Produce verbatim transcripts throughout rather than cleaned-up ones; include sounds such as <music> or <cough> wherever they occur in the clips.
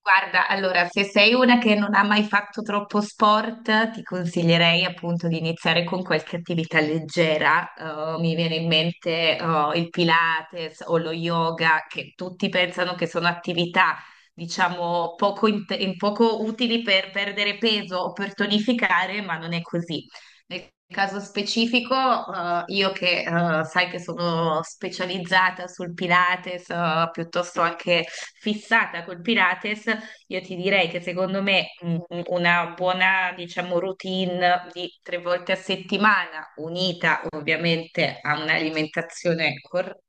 Guarda, allora, se sei una che non ha mai fatto troppo sport, ti consiglierei appunto di iniziare con qualche attività leggera. Eh, mi viene in mente, eh, il Pilates o lo yoga, che tutti pensano che sono attività, diciamo, poco, int- poco utili per perdere peso o per tonificare, ma non è così. Nel caso specifico, eh, io che eh, sai che sono specializzata sul Pilates, eh, piuttosto anche fissata col Pilates, io ti direi che secondo me mm, mm, una buona, diciamo, routine di tre volte a settimana, unita ovviamente a un'alimentazione corretta.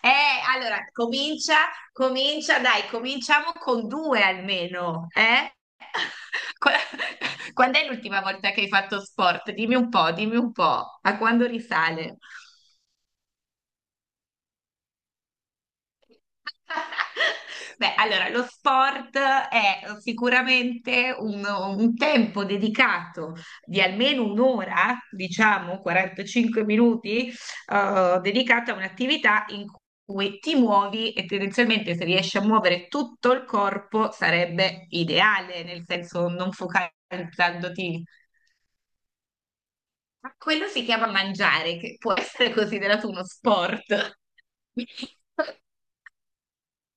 Eh, allora, comincia, comincia, dai, cominciamo con due almeno, eh? <laughs> Qua- Quando è l'ultima volta che hai fatto sport? Dimmi un po', dimmi un po', a quando risale? <laughs> Beh, allora, lo sport è sicuramente un, un tempo dedicato di almeno un'ora, diciamo quarantacinque minuti, eh, dedicato a un'attività in cui ti muovi e tendenzialmente se riesci a muovere tutto il corpo sarebbe ideale, nel senso non focalizzandoti. Ma quello si chiama mangiare, che può essere considerato uno sport. <laughs>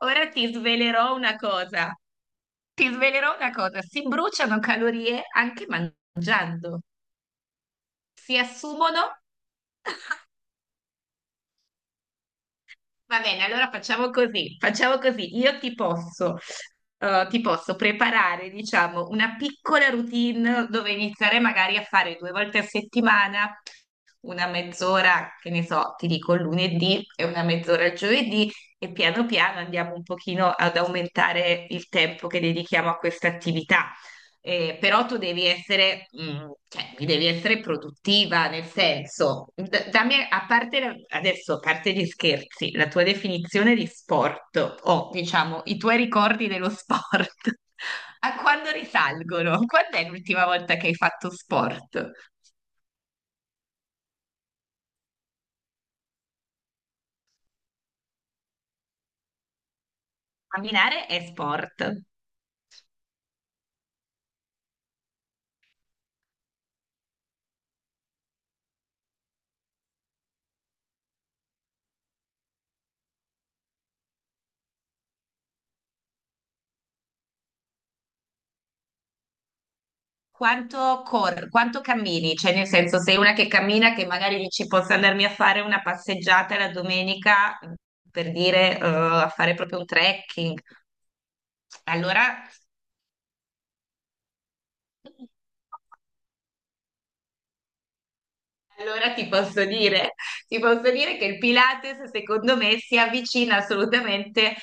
Ora ti svelerò una cosa. Ti svelerò una cosa, si bruciano calorie anche mangiando, si assumono. Va bene, allora facciamo così, facciamo così. Io ti posso, eh, ti posso preparare, diciamo, una piccola routine dove iniziare magari a fare due volte a settimana, una mezz'ora, che ne so, ti dico il lunedì e una mezz'ora il giovedì e piano piano andiamo un pochino ad aumentare il tempo che dedichiamo a questa attività. Eh, però tu devi essere, mm, cioè, devi essere produttiva, nel senso, d- dammi, a parte la- adesso, a parte gli scherzi, la tua definizione di sport o diciamo i tuoi ricordi dello sport, <laughs> a quando risalgono? Quando è l'ultima volta che hai fatto sport? Camminare è sport. Quanto, cor- quanto cammini? Cioè, nel senso, sei una che cammina, che magari dici posso andarmi a fare una passeggiata la domenica, per dire, eh, a fare proprio un trekking. Allora, Allora ti posso dire, ti posso dire che il Pilates secondo me si avvicina assolutamente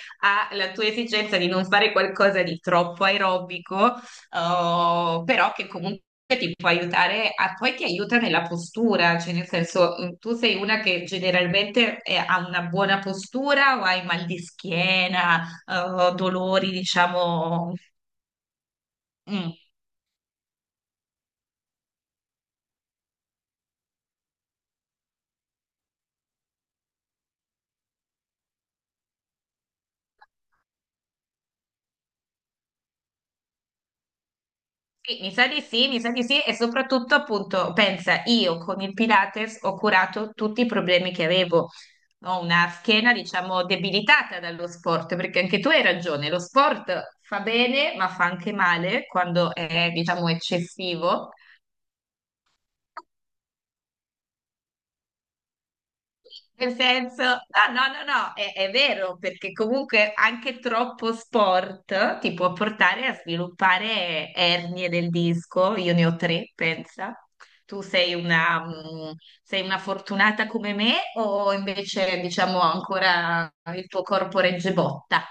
alla tua esigenza di non fare qualcosa di troppo aerobico, eh, però che comunque ti può aiutare, a- poi ti aiuta nella postura, cioè nel senso mm, tu sei una che generalmente eh, ha una buona postura o hai mal di schiena, eh, dolori, diciamo... mm. Sì, mi sa di sì, mi sa di sì e soprattutto appunto pensa, io con il Pilates ho curato tutti i problemi che avevo. Ho una schiena, diciamo, debilitata dallo sport, perché anche tu hai ragione, lo sport fa bene, ma fa anche male quando è, diciamo, eccessivo. Nel senso, ah, no, no, no, è, è vero, perché comunque anche troppo sport ti può portare a sviluppare ernie del disco. Io ne ho tre, pensa. Tu sei una, mm, sei una fortunata come me o invece, diciamo, ancora il tuo corpo regge botta?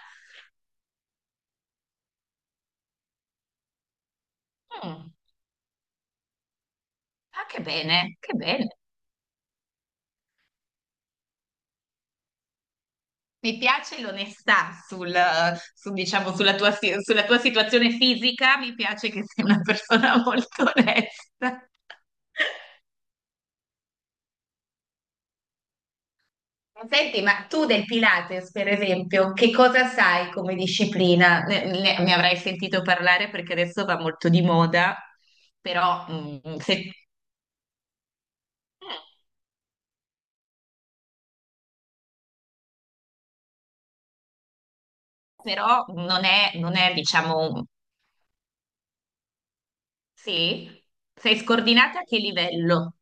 Mm, ah, che bene, che bene. Mi piace l'onestà sul, su, diciamo, sulla tua, si- sulla tua situazione fisica, mi piace che sei una persona <laughs> molto onesta. Senti, ma tu del Pilates, per esempio, che cosa sai come disciplina? Ne, ne- ne avrai sentito parlare perché adesso va molto di moda, però, mm, se- però non è, non è, diciamo, sì? Sei scordinata a che livello?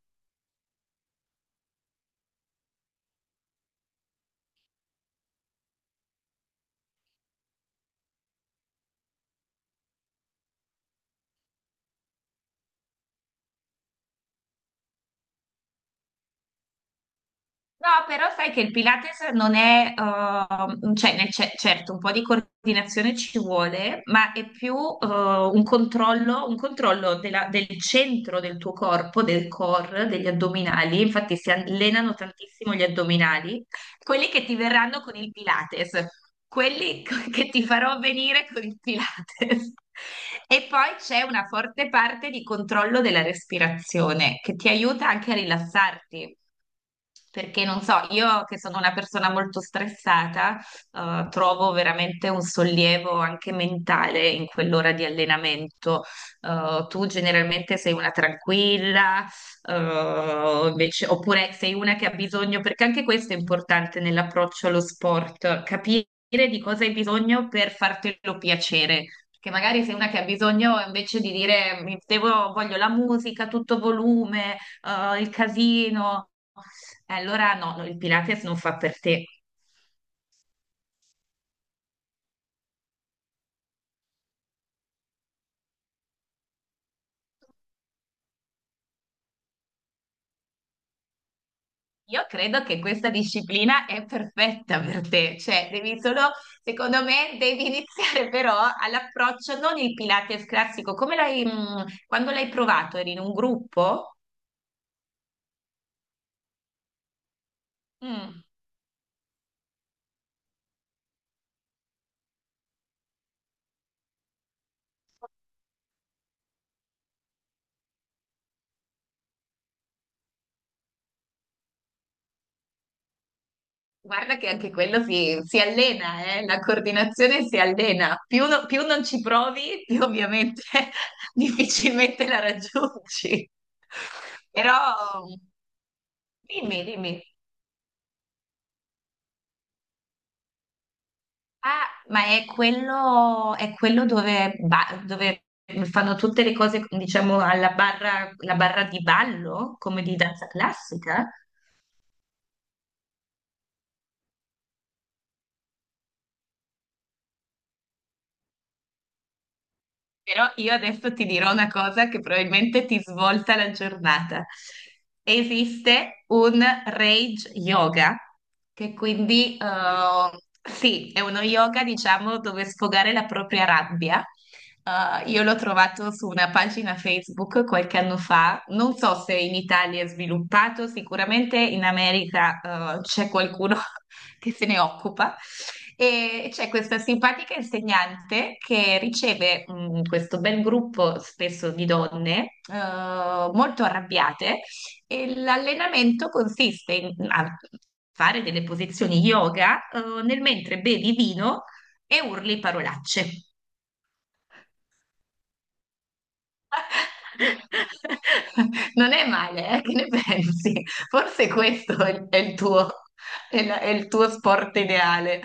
No, però sai che il Pilates non è, ehm, cioè, nel ce- certo, un po' di coordinazione ci vuole, ma è più, eh, un controllo, un controllo della- del centro del tuo corpo, del core, degli addominali. Infatti si allenano tantissimo gli addominali, quelli che ti verranno con il Pilates, quelli <laughs> co- che ti farò venire con il Pilates. E poi c'è una forte parte di controllo della respirazione che ti aiuta anche a rilassarti. Perché non so, io che sono una persona molto stressata, eh, trovo veramente un sollievo anche mentale in quell'ora di allenamento. Eh, tu generalmente sei una tranquilla, eh, invece- oppure sei una che ha bisogno, perché anche questo è importante nell'approccio allo sport, capire di cosa hai bisogno per fartelo piacere. Che magari sei una che ha bisogno invece di dire mi devo- voglio la musica, a tutto volume. Oh, il casino. Eh, Allora no, no, il Pilates non fa per te. Io credo che questa disciplina è perfetta per te, cioè devi solo, secondo me, devi iniziare però all'approccio, non il Pilates classico, come l'hai, mh, quando l'hai provato, eri in un gruppo? Mm, guarda che anche quello si, si allena, eh, la coordinazione si allena. Più, no- più non ci provi, più ovviamente <laughs> difficilmente la raggiungi. <laughs> Però dimmi, dimmi. Ah, ma è quello, è quello dove, ba- dove fanno tutte le cose, diciamo, alla barra, la barra di ballo, come di danza classica? Però io adesso ti dirò una cosa che probabilmente ti svolta la giornata. Esiste un rage yoga, che quindi eh, sì, è uno yoga, diciamo, dove sfogare la propria rabbia. Eh, io l'ho trovato su una pagina Facebook qualche anno fa, non so se in Italia è sviluppato, sicuramente in America eh, c'è qualcuno che se ne occupa. E c'è questa simpatica insegnante che riceve mm, questo bel gruppo, spesso di donne, eh, molto arrabbiate, e l'allenamento consiste in a fare delle posizioni yoga, eh, nel mentre bevi vino e urli parolacce. <laughs> Non è male, eh? Che ne pensi? Forse questo è il, è il tuo, è la- è il tuo sport ideale.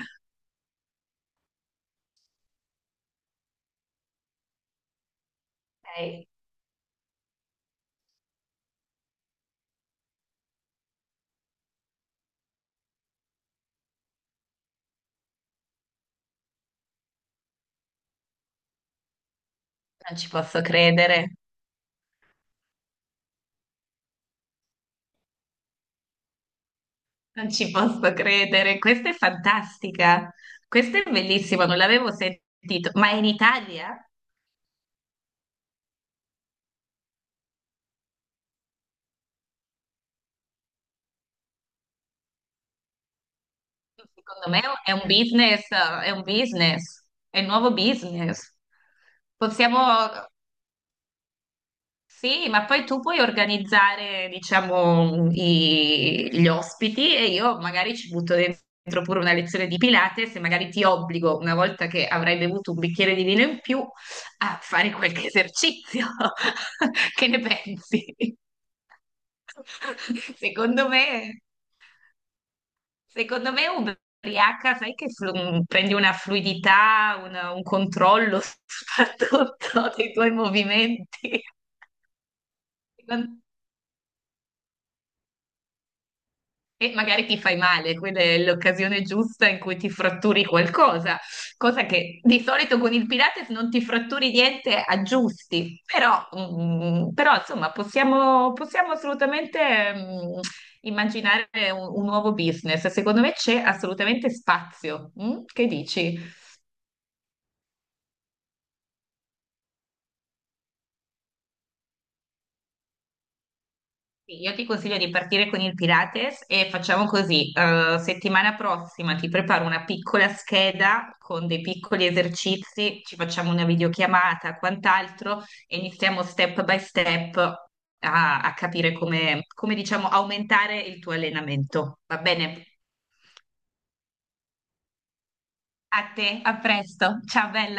Ok. Non ci posso credere, non ci posso credere. Questa è fantastica, questa è bellissima, non l'avevo sentito. Ma è in Italia? Secondo me è un business, è un business, è un nuovo business. Possiamo, sì, ma poi tu puoi organizzare, diciamo, i- gli ospiti e io magari ci butto dentro pure una lezione di Pilates e magari ti obbligo, una volta che avrai bevuto un bicchiere di vino in più, a fare qualche esercizio. <laughs> Che ne pensi? <laughs> Secondo me, secondo me ubriaca, sai che flu- mm, prendi una fluidità, una- un controllo <laughs> soprattutto dei tuoi movimenti. <laughs> E magari ti fai male, quella è l'occasione giusta in cui ti fratturi qualcosa, cosa che di solito con il Pilates non ti fratturi niente, aggiusti. Però, mm, però, insomma, possiamo, possiamo assolutamente, mm, immaginare un, un nuovo business. Secondo me c'è assolutamente spazio. Mm? Che dici? Sì, io ti consiglio di partire con il Pilates e facciamo così, eh, settimana prossima ti preparo una piccola scheda con dei piccoli esercizi, ci facciamo una videochiamata, quant'altro e iniziamo step by step a, a capire come, come, diciamo, aumentare il tuo allenamento. Va bene? A te, a presto. Ciao bella.